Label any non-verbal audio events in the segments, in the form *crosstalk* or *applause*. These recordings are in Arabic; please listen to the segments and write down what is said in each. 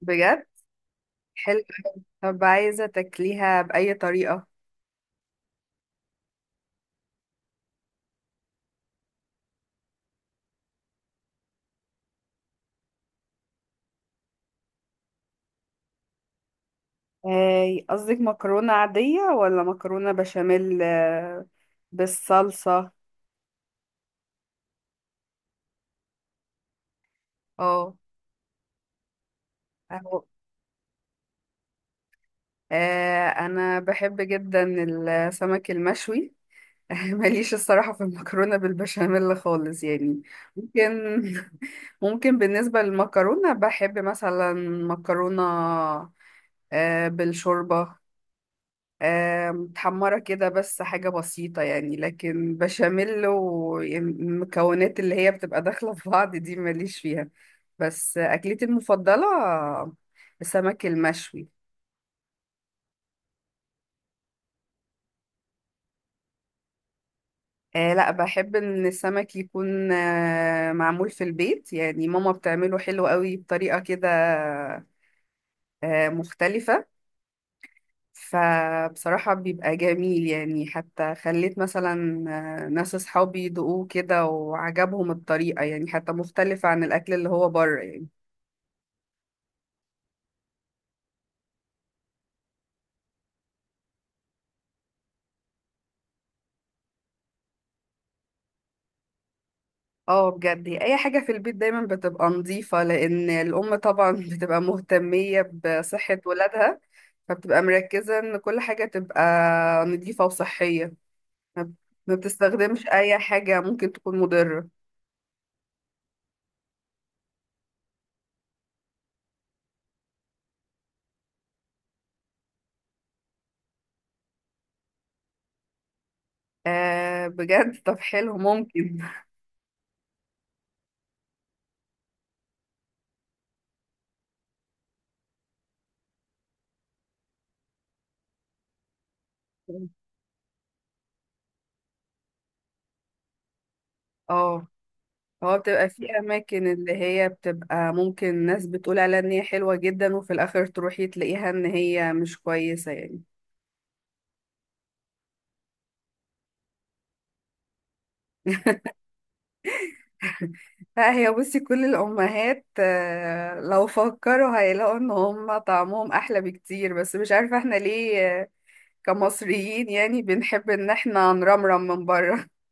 بجد حلو. طب عايزة تاكليها بأي طريقة؟ قصدك مكرونة عادية ولا مكرونة بشاميل، بالصلصة؟ اه. أهو. أنا بحب جدا السمك المشوي. *laughs* ماليش الصراحة في المكرونة بالبشاميل خالص يعني، ممكن. *laughs* ممكن بالنسبة للمكرونة بحب مثلا مكرونة بالشوربة، متحمرة كده بس حاجة بسيطة يعني، لكن بشاميل والمكونات اللي هي بتبقى داخلة في بعض دي ماليش فيها. بس أكلتي المفضلة السمك المشوي. آه لا، بحب إن السمك يكون معمول في البيت يعني، ماما بتعمله حلو قوي بطريقة كده مختلفة. فبصراحة بيبقى جميل يعني، حتى خليت مثلا ناس أصحابي يدوقوه كده وعجبهم الطريقة، يعني حتى مختلفة عن الأكل اللي هو بره يعني. اه بجد، هي أي حاجة في البيت دايما بتبقى نظيفة، لأن الأم طبعا *laughs* بتبقى مهتمية بصحة ولادها، فبتبقى مركزة إن كل حاجة تبقى نظيفة وصحية. ما ما بتستخدمش أي حاجة ممكن تكون مضرة. بجد طب حلو ممكن. *laughs* اه، هو بتبقى في اماكن اللي هي بتبقى، ممكن ناس بتقول عليها ان هي حلوة جدا وفي الاخر تروحي تلاقيها ان هي مش كويسة يعني. *laughs* لا، هي بصي كل الامهات لو فكروا هيلاقوا ان هم طعمهم احلى بكتير، بس مش عارفة احنا ليه كمصريين يعني بنحب ان احنا نرمرم من بره. *laughs*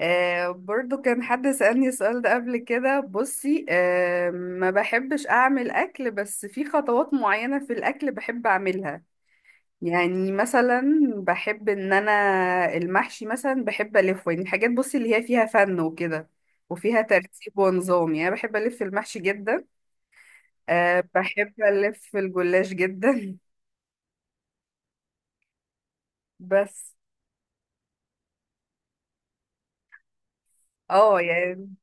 برضو كان حد سألني السؤال ده قبل كده، بصي ما بحبش اعمل اكل، بس في خطوات معينة في الاكل بحب اعملها. يعني مثلا بحب ان انا المحشي مثلا بحب الفه، يعني حاجات بصي اللي هي فيها فن وكده، وفيها ترتيب ونظام. يعني أنا بحب الف المحشي جدا. أه بحب الف الجلاش جدا. *laughs* بس اه يعني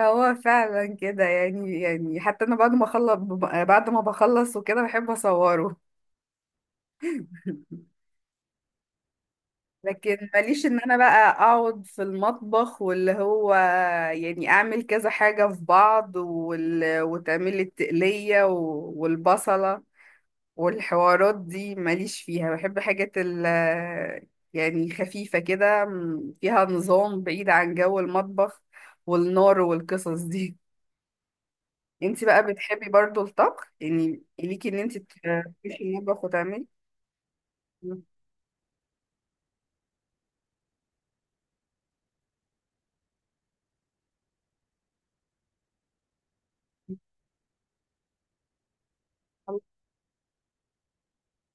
هو فعلا كده يعني، يعني حتى انا بعد ما بخلص وكده بحب اصوره. *laughs* لكن ماليش ان انا بقى اقعد في المطبخ، واللي هو يعني اعمل كذا حاجة في بعض، وتعمل لي التقلية والبصلة والحوارات دي ماليش فيها. بحب حاجات يعني خفيفة كده، فيها نظام بعيد عن جو المطبخ والنار والقصص دي. انتي بقى بتحبي برضو الطبخ، يعني ليكي ان انتي تخشي المطبخ وتعملي؟ *laughs*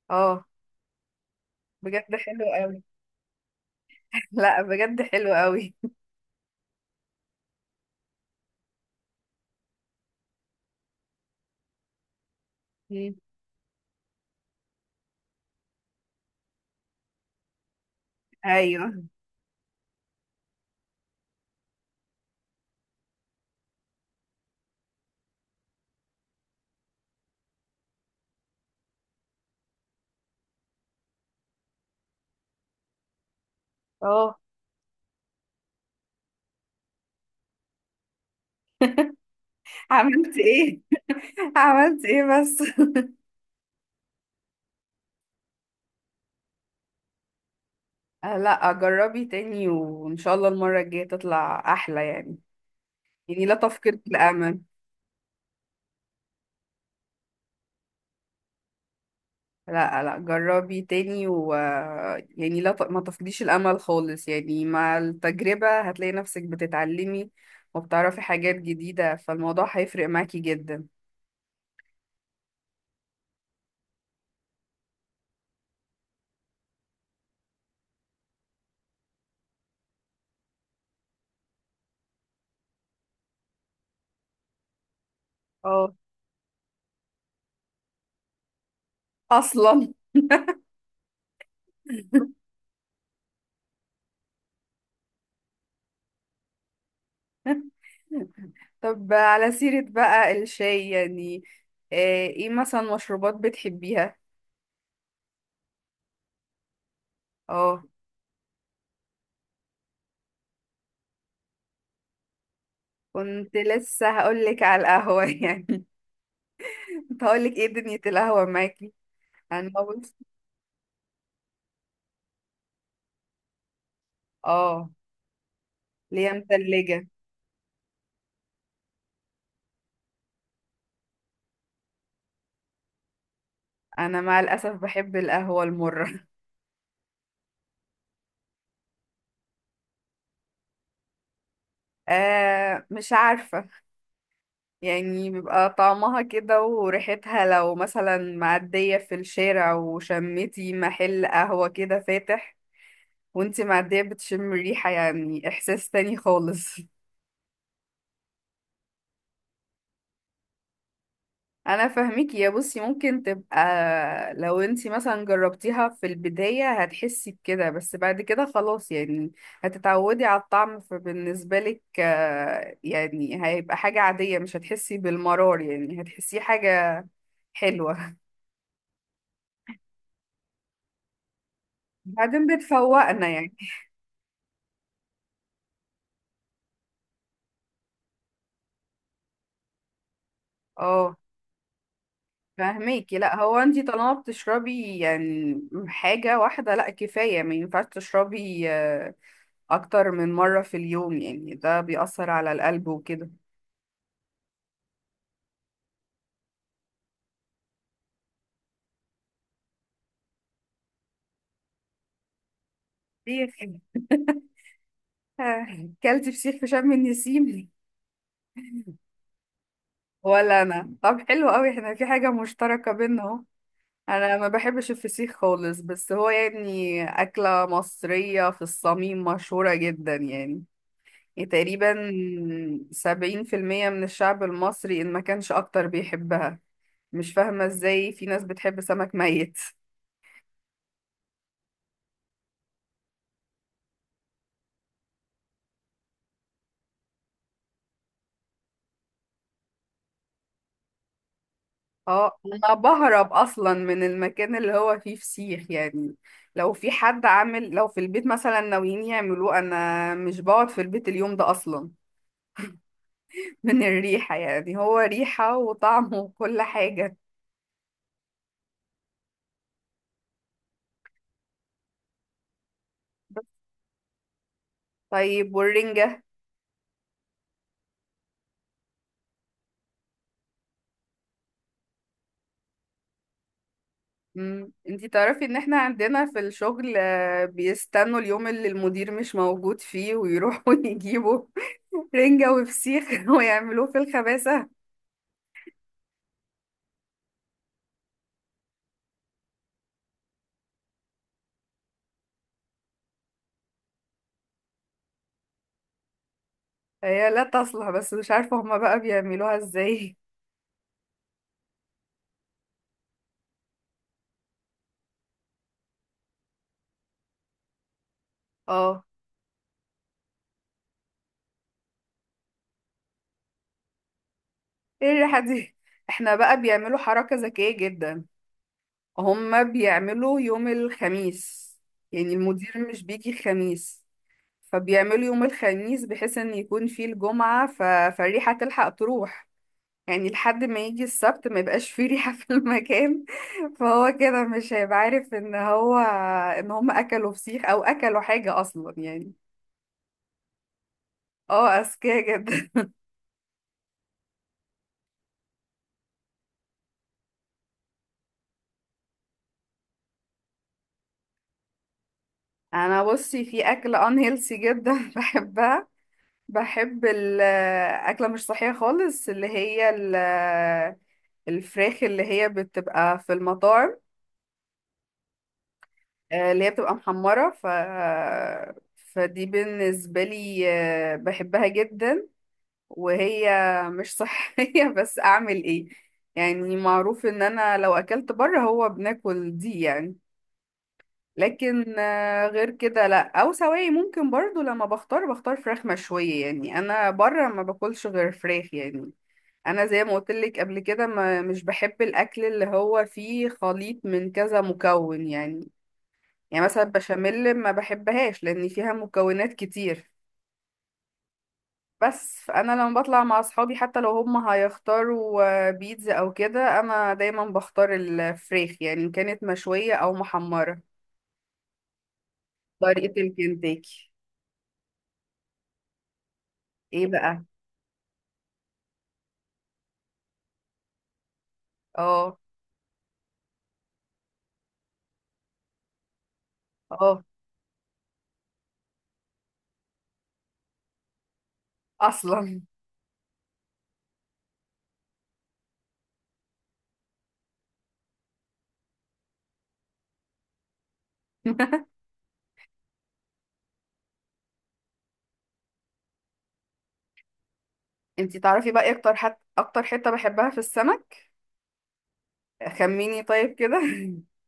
اه بجد حلو قوي. *laughs* لا بجد حلو قوي. مم. ايوه. اه، عملت ايه؟ *laughs* عملت ايه بس؟ *laughs* لا جربي تاني، وان شاء الله المره الجايه تطلع احلى يعني، يعني لا تفقد الامل. لا لا، جربي تاني و يعني لا ما تفقديش الامل خالص يعني، مع التجربه هتلاقي نفسك بتتعلمي وبتعرفي حاجات جديده، فالموضوع هيفرق معاكي جدا. اه اصلا. *laughs* طب على سيرة بقى الشاي يعني، ايه مثلا مشروبات بتحبيها؟ اه كنت لسه هقولك على القهوة. *laughs* يعني كنت هقولك ايه دنيا القهوة معاكي. انا بص. اه ليا مثلجة. انا مع الاسف بحب القهوة المرة. *laughs* مش عارفة، يعني بيبقى طعمها كده وريحتها، لو مثلا معدية في الشارع وشمتي محل قهوة كده فاتح وانتي معدية بتشم ريحة، يعني احساس تاني خالص. انا فاهميكي يا بصي، ممكن تبقى لو انتي مثلا جربتيها في البداية هتحسي بكده، بس بعد كده خلاص يعني هتتعودي على الطعم، فبالنسبة لك يعني هيبقى حاجة عادية، مش هتحسي بالمرار يعني هتحسيه حاجة حلوة. *laughs* بعدين بتفوقنا يعني. اه فاهميكي، لا هو انتي طالما بتشربي يعني حاجة واحدة لا كفاية، ما ينفعش تشربي اكتر من مرة في اليوم يعني، ده بيأثر على القلب وكده. فسيخ. *laughs* كلت فسيخ في شم النسيم. ولا انا. طب حلو قوي، احنا في حاجة مشتركة بينا اهو. انا ما بحبش الفسيخ خالص، بس هو يعني أكلة مصرية في الصميم مشهورة جدا يعني، تقريبا سبعين في المية من الشعب المصري إن ما كانش أكتر بيحبها. مش فاهمة إزاي في ناس بتحب سمك ميت. اه انا بهرب اصلا من المكان اللي هو فيه فسيخ يعني، لو في حد عامل، لو في البيت مثلا ناويين يعملوه انا مش بقعد في البيت اليوم ده اصلا. *laughs* من الريحة يعني، هو ريحة وطعم وكل حاجة. طيب والرنجة؟ مم. انتي تعرفي ان احنا عندنا في الشغل بيستنوا اليوم اللي المدير مش موجود فيه، ويروحوا *laughs* يجيبوا رنجة وفسيخ *laughs* ويعملوه في الخباسة. هي لا تصلح، بس مش عارفة هما بقى بيعملوها ازاي. اه، ايه الريحة دي؟ احنا بقى بيعملوا حركة ذكية جدا. هما بيعملوا يوم الخميس، يعني المدير مش بيجي الخميس، فبيعملوا يوم الخميس بحيث ان يكون فيه الجمعة، فالريحة تلحق تروح، يعني لحد ما يجي السبت ما يبقاش فيه ريحة في المكان. *laughs* فهو كده مش هيبقى عارف ان هو ان هما اكلوا فسيخ او اكلوا حاجة اصلا يعني. اه اذكياء جدا. *laughs* انا بصي في اكل unhealthy جدا *laughs* بحبها. بحب الأكلة مش صحية خالص، اللي هي الفراخ اللي هي بتبقى في المطاعم، اللي هي بتبقى محمرة، فدي بالنسبة لي بحبها جدا، وهي مش صحية. *laughs* بس أعمل إيه؟ يعني معروف إن أنا لو أكلت بره هو بناكل دي يعني. لكن غير كده لا، أو سواي ممكن برضو لما بختار بختار فراخ مشوية، يعني أنا بره ما باكلش غير فراخ يعني. انا زي ما قلت لك قبل كده ما مش بحب الاكل اللي هو فيه خليط من كذا مكون يعني، يعني مثلا بشاميل ما بحبهاش لان فيها مكونات كتير. بس فانا لما بطلع مع اصحابي حتى لو هم هيختاروا بيتزا او كده، انا دايما بختار الفريخ يعني، إن كانت مشوية او محمرة طريقة الكنتاكي. ايه بقى؟ اه اه اصلا. *laughs* انتي تعرفي بقى إيه اكتر اكتر حتة بحبها في السمك؟ خميني طيب كده. *laughs*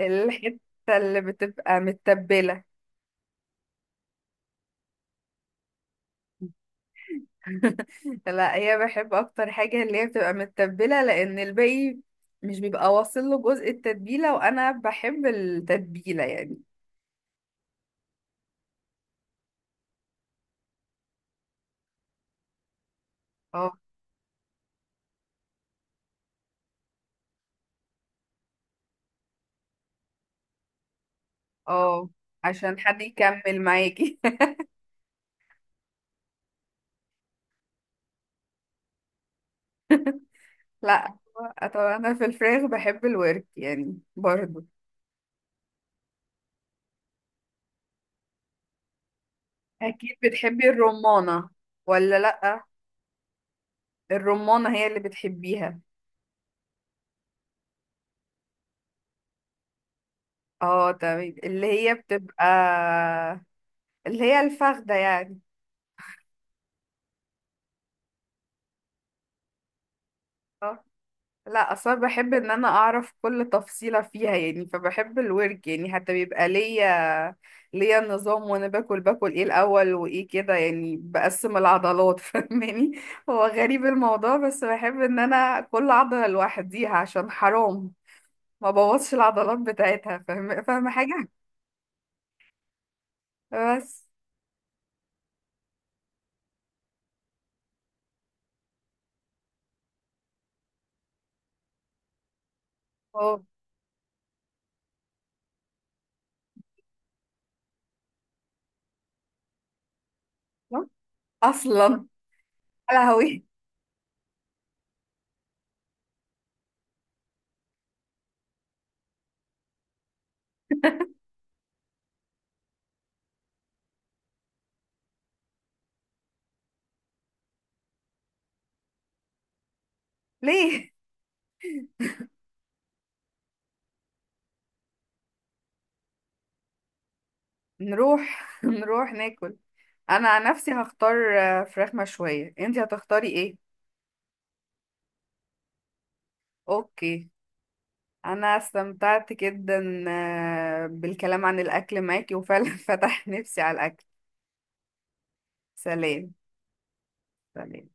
الحتة اللي بتبقى متبلة. *laughs* لا، هي بحب اكتر حاجة اللي هي بتبقى متبلة، لان الباقي مش بيبقى واصل له جزء التتبيلة، وانا بحب التتبيلة يعني. اه اه، عشان حد يكمل معاكي. *laughs* لا طبعا انا في الفراخ بحب الورك يعني برضو. اكيد بتحبي الرمانة ولا لا؟ الرمانة هي اللي بتحبيها. اه تمام، اللي هي بتبقى اللي هي الفخدة يعني. لا اصلا بحب ان انا اعرف كل تفصيلة فيها يعني، فبحب الورك يعني، حتى بيبقى ليا نظام، وانا باكل ايه الاول وايه كده، يعني بقسم العضلات *laughs* فاهماني. هو غريب الموضوع، بس بحب ان انا كل عضلة لوحديها، عشان حرام ما بوظش العضلات بتاعتها، فاهمة حاجة؟ بس هو اصلا يا لهوي ليه. نروح *laughs* نروح ناكل. انا عن نفسي هختار فراخ مشوية، انتي هتختاري ايه؟ اوكي. انا استمتعت جدا بالكلام عن الاكل معاكي، وفعلا *laughs* فتح نفسي على الاكل. سلام. سلام.